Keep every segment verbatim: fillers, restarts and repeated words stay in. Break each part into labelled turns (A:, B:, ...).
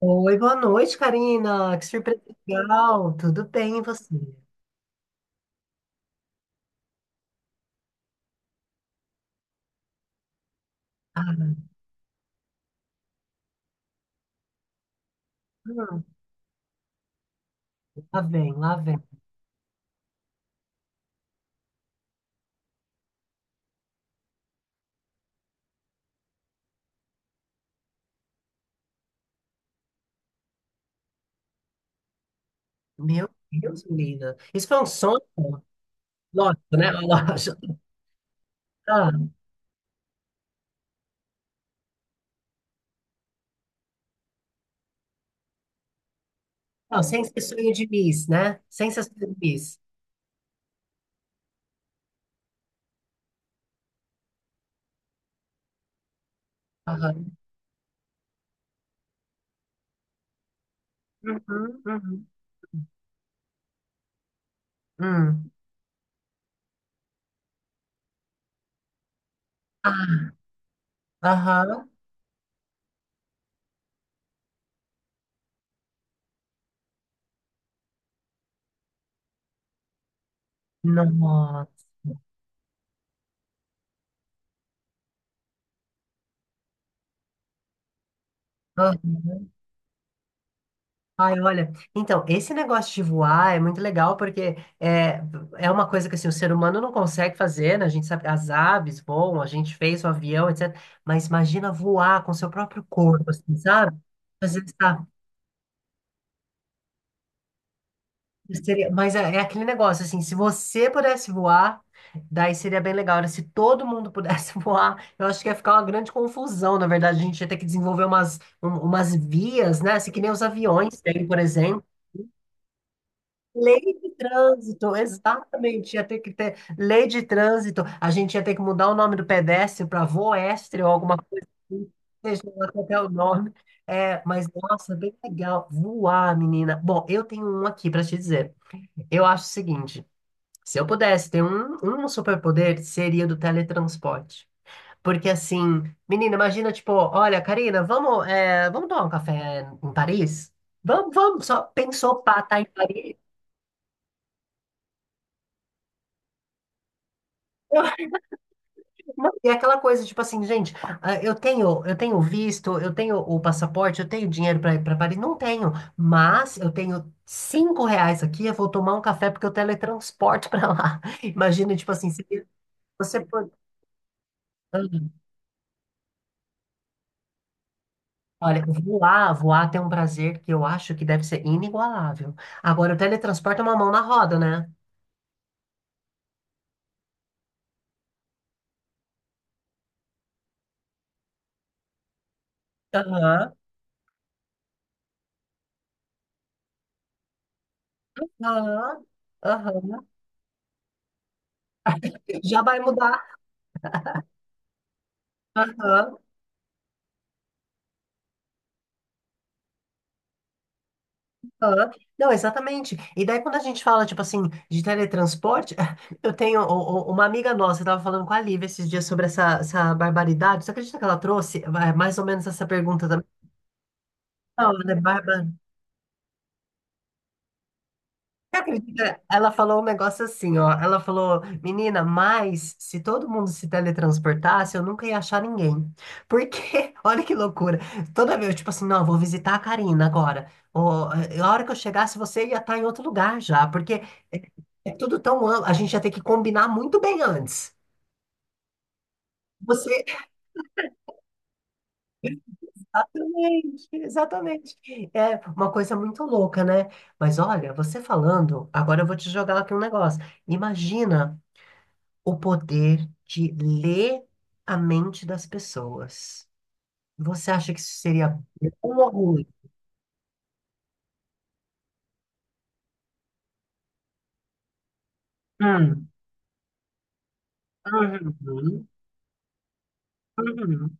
A: Oi, boa noite, Karina. Que surpresa legal. Tudo bem, e você? Ah, hum, lá vem, lá vem. Meu Deus, menina. Isso foi um sonho? Lógico, né? Lógico. Ah, não, sem ser sonho de Miss, né? Sem ser sonho de Miss. Aham. Uhum, uhum. Hum. Ah, aham. Nossa. Ai, olha, então, esse negócio de voar é muito legal porque é, é uma coisa que assim, o ser humano não consegue fazer, né? A gente sabe, as aves voam, a gente fez o avião, etcetera. Mas imagina voar com seu próprio corpo, assim, sabe? Às vezes tá, seria- mas é, é aquele negócio, assim, se você pudesse voar, daí seria bem legal, né? Se todo mundo pudesse voar, eu acho que ia ficar uma grande confusão, na verdade. A gente ia ter que desenvolver umas, um- umas vias, né? Assim, que nem os aviões, tem, por exemplo. Lei de trânsito, exatamente. Ia ter que ter lei de trânsito. A gente ia ter que mudar o nome do pedestre para voestre ou alguma coisa assim. Seja lá qual é o nome. É, mas nossa, bem legal. Voar, menina. Bom, eu tenho um aqui para te dizer. Eu acho o seguinte: se eu pudesse ter um, um superpoder, seria do teletransporte. Porque assim, menina, imagina, tipo, olha, Karina, vamos, é, vamos tomar um café em Paris? Vamos, vamos, só pensou, pá, tá em Paris. Não, e é aquela coisa, tipo assim, gente, ah, eu tenho, eu tenho visto, eu tenho o passaporte, eu tenho dinheiro para ir para Paris, não tenho, mas eu tenho cinco reais aqui, eu vou tomar um café porque eu teletransporte para lá. Imagina, tipo assim, se você pode. Olha, voar, voar tem um prazer que eu acho que deve ser inigualável. Agora, o teletransporte é uma mão na roda, né? Aham, aham, aham. Já vai mudar. Aham. Aham. Não, exatamente. E daí quando a gente fala, tipo assim, de teletransporte, eu tenho o- o- uma amiga nossa, eu tava falando com a Lívia esses dias sobre essa, essa barbaridade. Você acredita que ela trouxe eh, mais ou menos essa pergunta também? Não, né? Você acredita? Ela falou um negócio assim, ó. Ela falou, menina, mas se todo mundo se teletransportasse, eu nunca ia achar ninguém. Porque, olha que loucura. Toda vez, tipo assim, não, eu vou visitar a Karina agora. Ou, eh, a hora que eu chegasse, você ia estar em outro lugar já. Porque é, é tudo tão amplo. A gente ia ter que combinar muito bem antes. Você. Exatamente, exatamente. É uma coisa muito louca, né? Mas olha, você falando, agora eu vou te jogar aqui um negócio. Imagina o poder de ler a mente das pessoas. Você acha que isso seria bom ou ruim? Hum, uhum, uhum.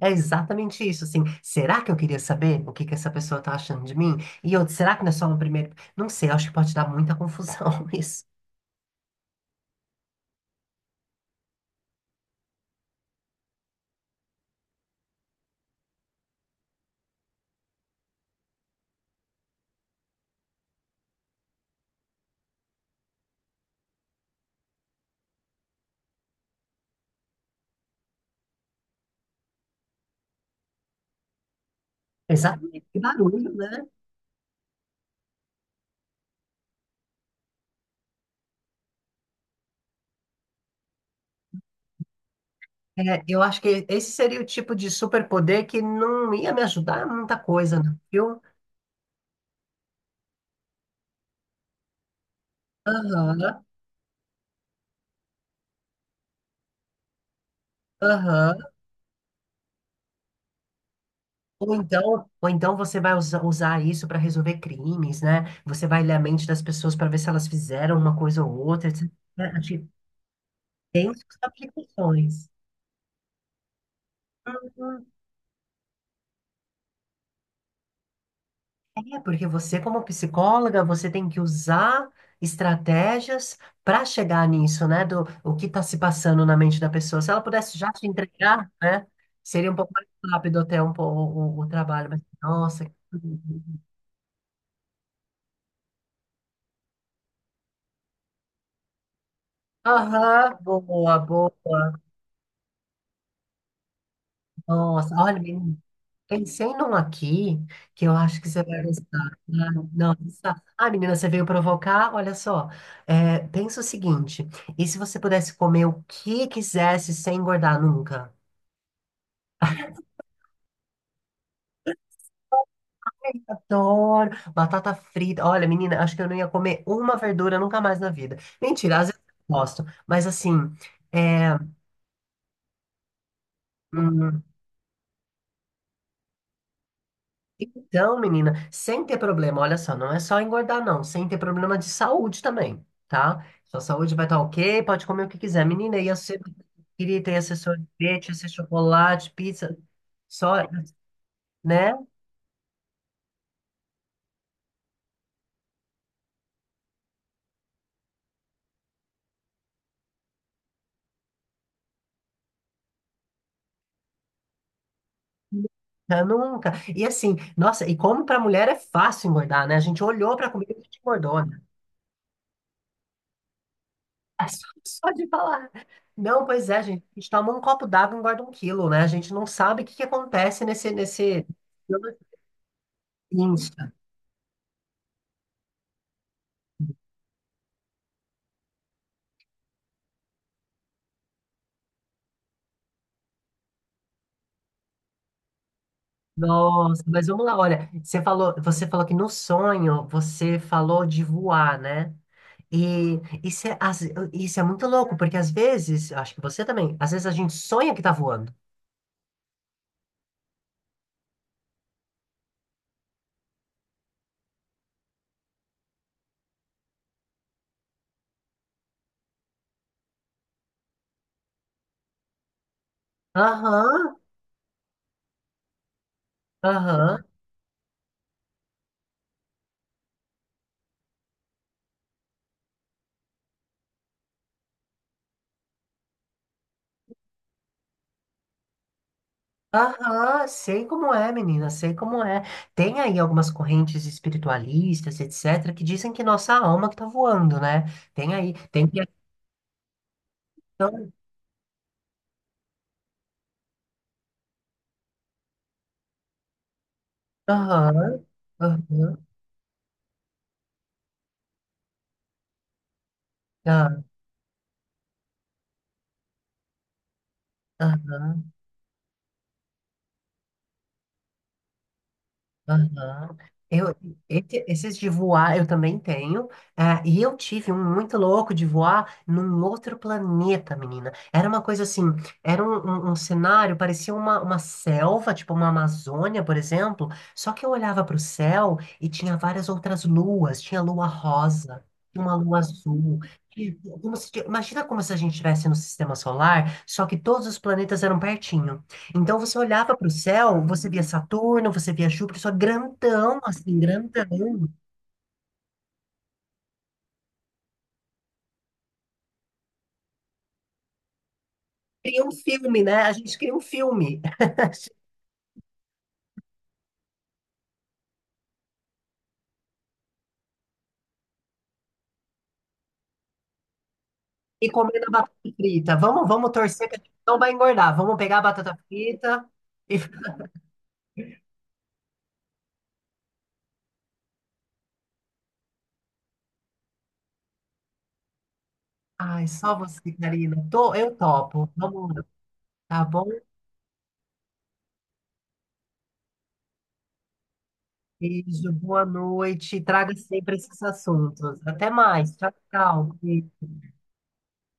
A: É exatamente isso, assim. Será que eu queria saber o que que essa pessoa tá achando de mim? E outro, será que não é só um primeiro? Não sei, acho que pode dar muita confusão isso. Exatamente. Que barulho, né? É, eu acho que esse seria o tipo de superpoder que não ia me ajudar a muita coisa, não, viu? Aham, aham. Ou então, ou então você vai usa- usar isso para resolver crimes, né? Você vai ler a mente das pessoas para ver se elas fizeram uma coisa ou outra, etcetera. Acho que tem suas aplicações. Uhum. É, porque você, como psicóloga, você tem que usar estratégias para chegar nisso, né? Do o que está se passando na mente da pessoa. Se ela pudesse já te entregar, né? Seria um pouco mais rápido até um pouco o, o o trabalho. Mas, nossa. que- Aham, boa, boa. Nossa, olha, menina. Pensei num aqui que eu acho que você vai gostar. Não, não, essa- ah, menina, você veio provocar? Olha só. É, pensa o seguinte: e se você pudesse comer o que quisesse sem engordar nunca? Ai, adoro batata frita. Olha, menina, acho que eu não ia comer uma verdura nunca mais na vida. Mentira, às vezes eu gosto, mas assim, é, hum, então, menina, sem ter problema, olha só, não é só engordar, não, sem ter problema de saúde também, tá? Sua saúde vai estar ok, pode comer o que quiser. Menina, ia ser, queria ter esse sorvete, esse chocolate, pizza, só, né? Já nunca. E assim, nossa, e como pra mulher é fácil engordar, né? A gente olhou pra comida e a gente engordou, né? É só, só de falar. Não, pois é, gente, a gente toma um copo d'água e engorda um quilo, né? A gente não sabe o que que acontece nesse, nesse... Isso. Nossa, mas vamos lá, olha, você falou, você falou que no sonho você falou de voar, né? E isso é, às- isso é muito louco, porque às vezes, acho que você também, às vezes a gente sonha que tá voando. Aham, aham, aham, sei como é, menina, sei como é. Tem aí algumas correntes espiritualistas, etcetera, que dizem que nossa alma que tá voando, né? Tem aí, tem que... Aham, aham, ah, aham. Aham. Eu, esse- esses de voar eu também tenho, ah e eu tive um muito louco de voar num outro planeta, menina. Era uma coisa assim, era um, um- um cenário, parecia uma, uma selva, tipo uma Amazônia, por exemplo, só que eu olhava para o céu e tinha várias outras luas, tinha lua rosa, tinha uma lua azul, tinha- como se- imagina como se a gente estivesse no sistema solar, só que todos os planetas eram pertinho. Então você olhava para o céu, você via Saturno, você via Júpiter, só grandão, assim, grandão. Cria um filme, né? A gente cria um filme. E comendo a batata frita. Vamos, vamos torcer que a gente não vai engordar. Vamos pegar a batata frita e... Ai, só você, Karina. Tô, eu topo. Vamos, tá bom? Beijo, boa noite. Traga sempre esses assuntos. Até mais. Tchau, tchau.